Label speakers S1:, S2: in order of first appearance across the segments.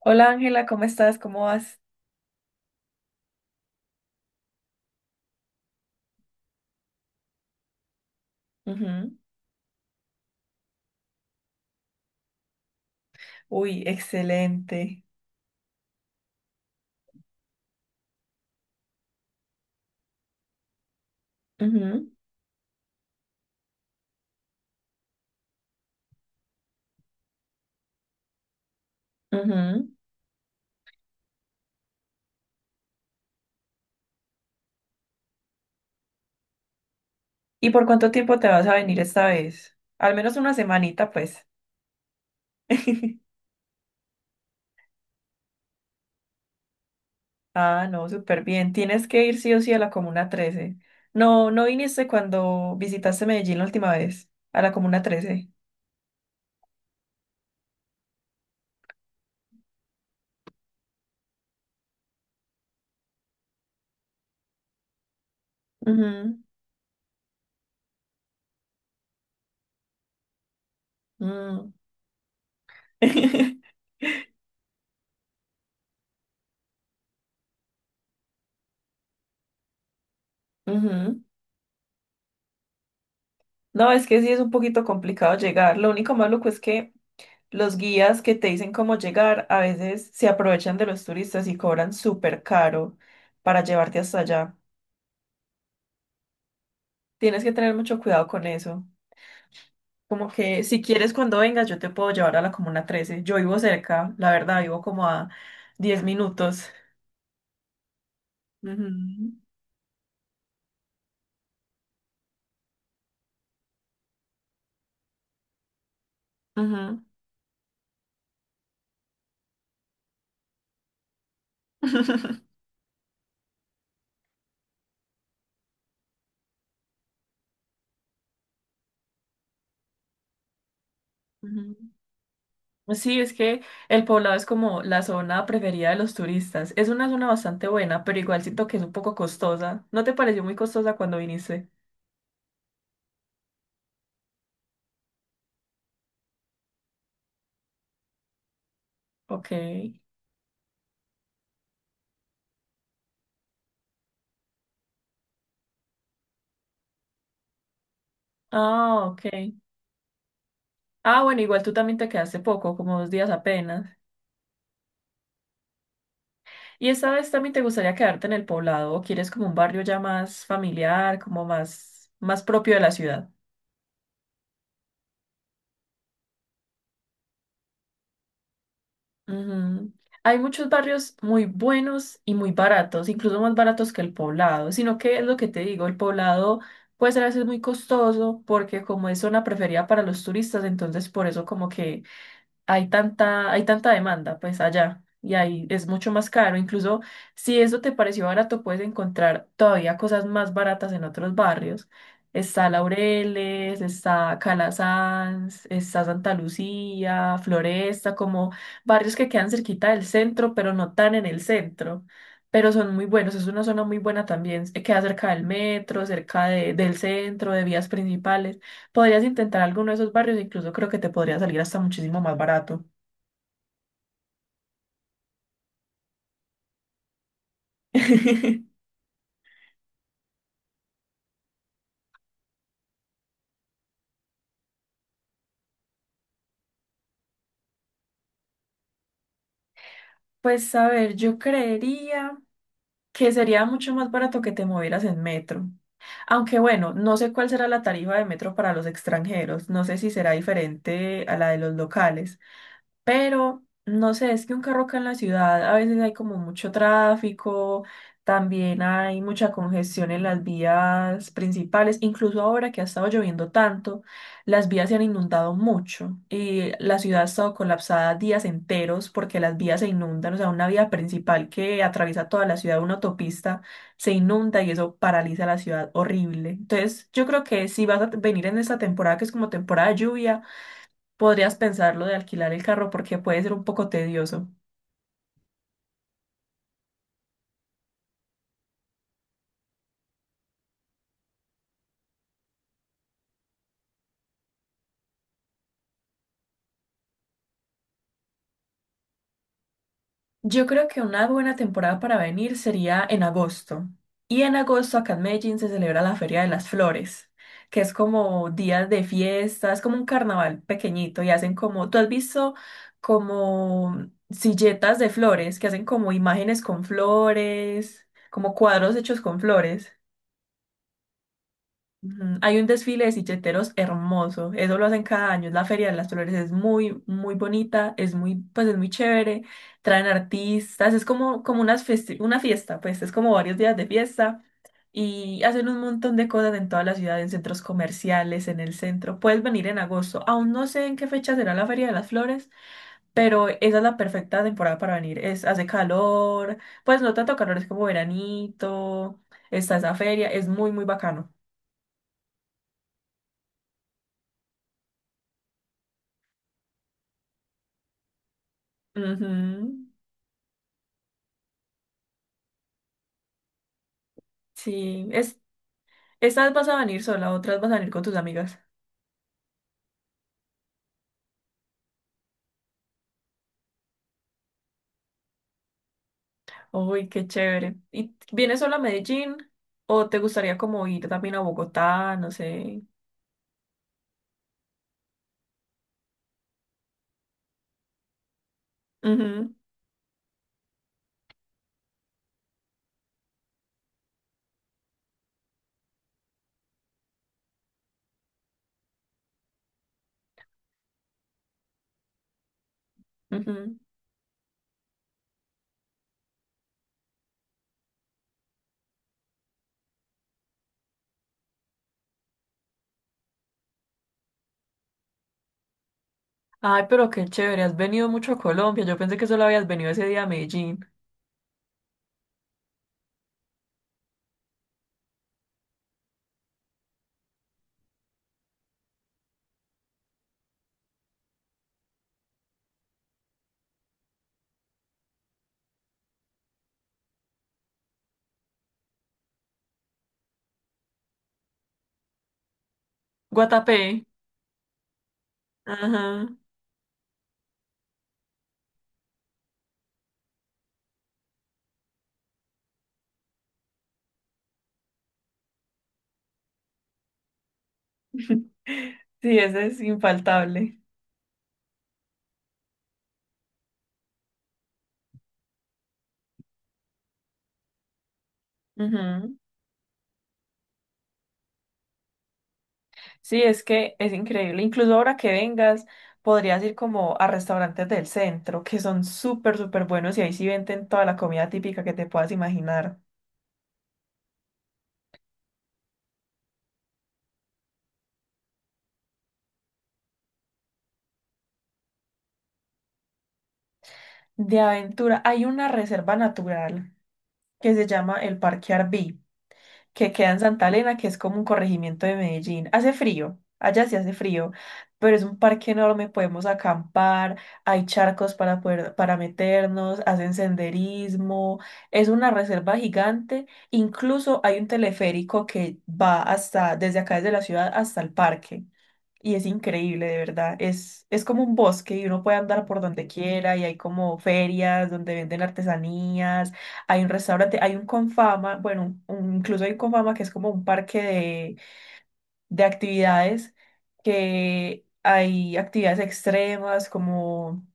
S1: Hola Ángela, ¿cómo estás? ¿Cómo vas? Ujú. Uy, excelente. Ujú, ujú. ¿Y por cuánto tiempo te vas a venir esta vez? Al menos una semanita, pues. Ah, no, súper bien. Tienes que ir sí o sí a la Comuna 13. No, no viniste cuando visitaste Medellín la última vez, a la Comuna 13. Ujú, mm. Ujú. No, es que sí es un poquito complicado llegar. Lo único malo es que los guías que te dicen cómo llegar a veces se aprovechan de los turistas y cobran súper caro para llevarte hasta allá. Tienes que tener mucho cuidado con eso. Como que si quieres cuando vengas yo te puedo llevar a la Comuna trece. Yo vivo cerca, la verdad, vivo como a 10 minutos. Ujú, ujú. Ujú. Sí, es que el poblado es como la zona preferida de los turistas. Es una zona bastante buena, pero igual siento que es un poco costosa. ¿No te pareció muy costosa cuando viniste? Ok. Ah, ok. Ah, bueno, igual tú también te quedaste poco, como 2 días apenas. ¿Y esta vez también te gustaría quedarte en el poblado o quieres como un barrio ya más familiar, como más, más propio de la ciudad? Ujú. Hay muchos barrios muy buenos y muy baratos, incluso más baratos que el poblado, sino que es lo que te digo, el poblado puede ser a veces muy costoso porque como es zona preferida para los turistas, entonces por eso como que hay tanta demanda, pues allá, y ahí es mucho más caro. Incluso si eso te pareció barato, puedes encontrar todavía cosas más baratas en otros barrios. Está Laureles, está Calasanz, está Santa Lucía, Floresta, como barrios que quedan cerquita del centro, pero no tan en el centro. Pero son muy buenos, es una zona muy buena también. Queda cerca del metro, cerca del centro, de vías principales. Podrías intentar alguno de esos barrios, incluso creo que te podría salir hasta muchísimo más barato. Pues a ver, yo creería que sería mucho más barato que te movieras en metro. Aunque bueno, no sé cuál será la tarifa de metro para los extranjeros, no sé si será diferente a la de los locales. Pero no sé, es que un carro acá en la ciudad a veces hay como mucho tráfico, también hay mucha congestión en las vías principales, incluso ahora que ha estado lloviendo tanto, las vías se han inundado mucho y la ciudad ha estado colapsada días enteros porque las vías se inundan, o sea, una vía principal que atraviesa toda la ciudad, una autopista, se inunda y eso paraliza la ciudad horrible. Entonces, yo creo que si vas a venir en esta temporada, que es como temporada de lluvia, podrías pensarlo de alquilar el carro porque puede ser un poco tedioso. Yo creo que una buena temporada para venir sería en agosto. Y en agosto acá en Medellín se celebra la Feria de las Flores, que es como días de fiesta, es como un carnaval pequeñito y hacen como, tú has visto como silletas de flores, que hacen como imágenes con flores, como cuadros hechos con flores. Ujú. Hay un desfile de silleteros hermoso, eso lo hacen cada año, es la Feria de las Flores, es muy, muy bonita, es muy, pues es muy chévere, traen artistas, es como, como una fiesta, pues es como varios días de fiesta y hacen un montón de cosas en toda la ciudad, en centros comerciales, en el centro, puedes venir en agosto, aún no sé en qué fecha será la Feria de las Flores, pero esa es la perfecta temporada para venir, es, hace calor, pues no tanto calor, es como veranito, está esa feria, es muy, muy bacano. Ujú. Sí, estas vas a venir sola, otras vas a venir con tus amigas. Uy, qué chévere. ¿Y vienes sola a Medellín o te gustaría como ir también a Bogotá? No sé. Ujú, ujú. Ay, pero qué chévere, has venido mucho a Colombia. Yo pensé que solo habías venido ese día a Medellín. Guatapé. Ajá. Sí, ese es infaltable. Ujú. Sí, es que es increíble. Incluso ahora que vengas, podrías ir como a restaurantes del centro, que son súper, súper buenos y ahí sí venden toda la comida típica que te puedas imaginar. De aventura, hay una reserva natural que se llama el Parque Arví, que queda en Santa Elena, que es como un corregimiento de Medellín. Hace frío, allá sí hace frío, pero es un parque enorme, podemos acampar, hay charcos para poder, para meternos, hacen senderismo, es una reserva gigante, incluso hay un teleférico que va hasta, desde acá desde la ciudad hasta el parque. Y es increíble, de verdad. Es como un bosque y uno puede andar por donde quiera y hay como ferias donde venden artesanías, hay un restaurante, hay un Confama, bueno, incluso hay un Confama que es como un parque de actividades, que hay actividades extremas como,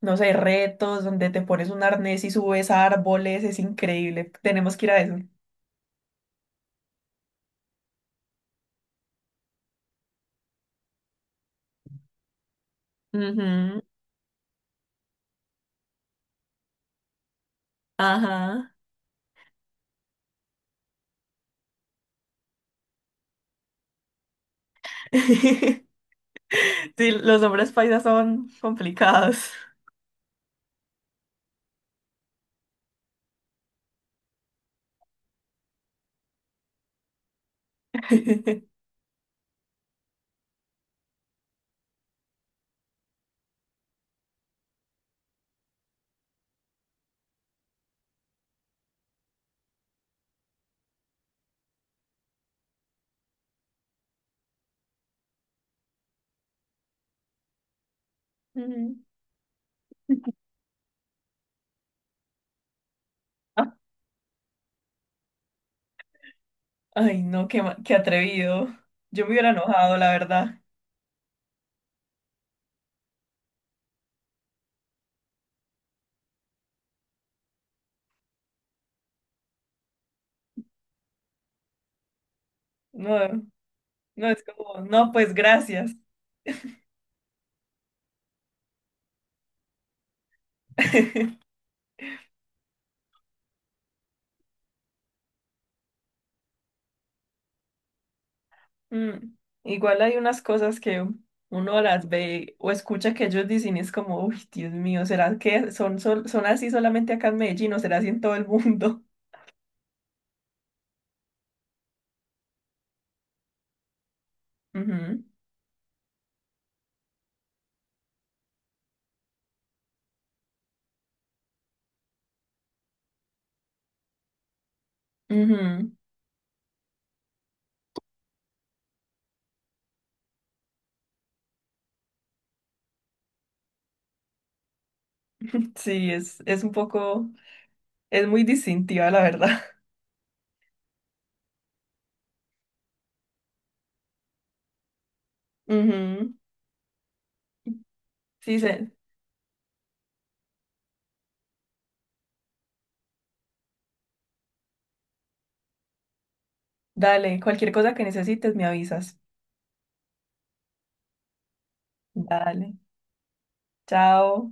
S1: no sé, retos donde te pones un arnés y subes a árboles, es increíble. Tenemos que ir a eso. Ujú, Ajá. Sí, los hombres paisas son complicados. Ujú. Ay, no, qué, qué atrevido. Yo me hubiera enojado, la verdad. No, no, es como, no, pues gracias. Mm, Igual hay unas cosas que uno las ve o escucha que ellos dicen y es como, uy, Dios mío, ¿será que son, son así solamente acá en Medellín o será así en todo el mundo? Ujú, ujú. Sí, es un poco, es muy distintiva, la verdad. Ujú. Sí, dale, cualquier cosa que necesites me avisas. Dale. Chao.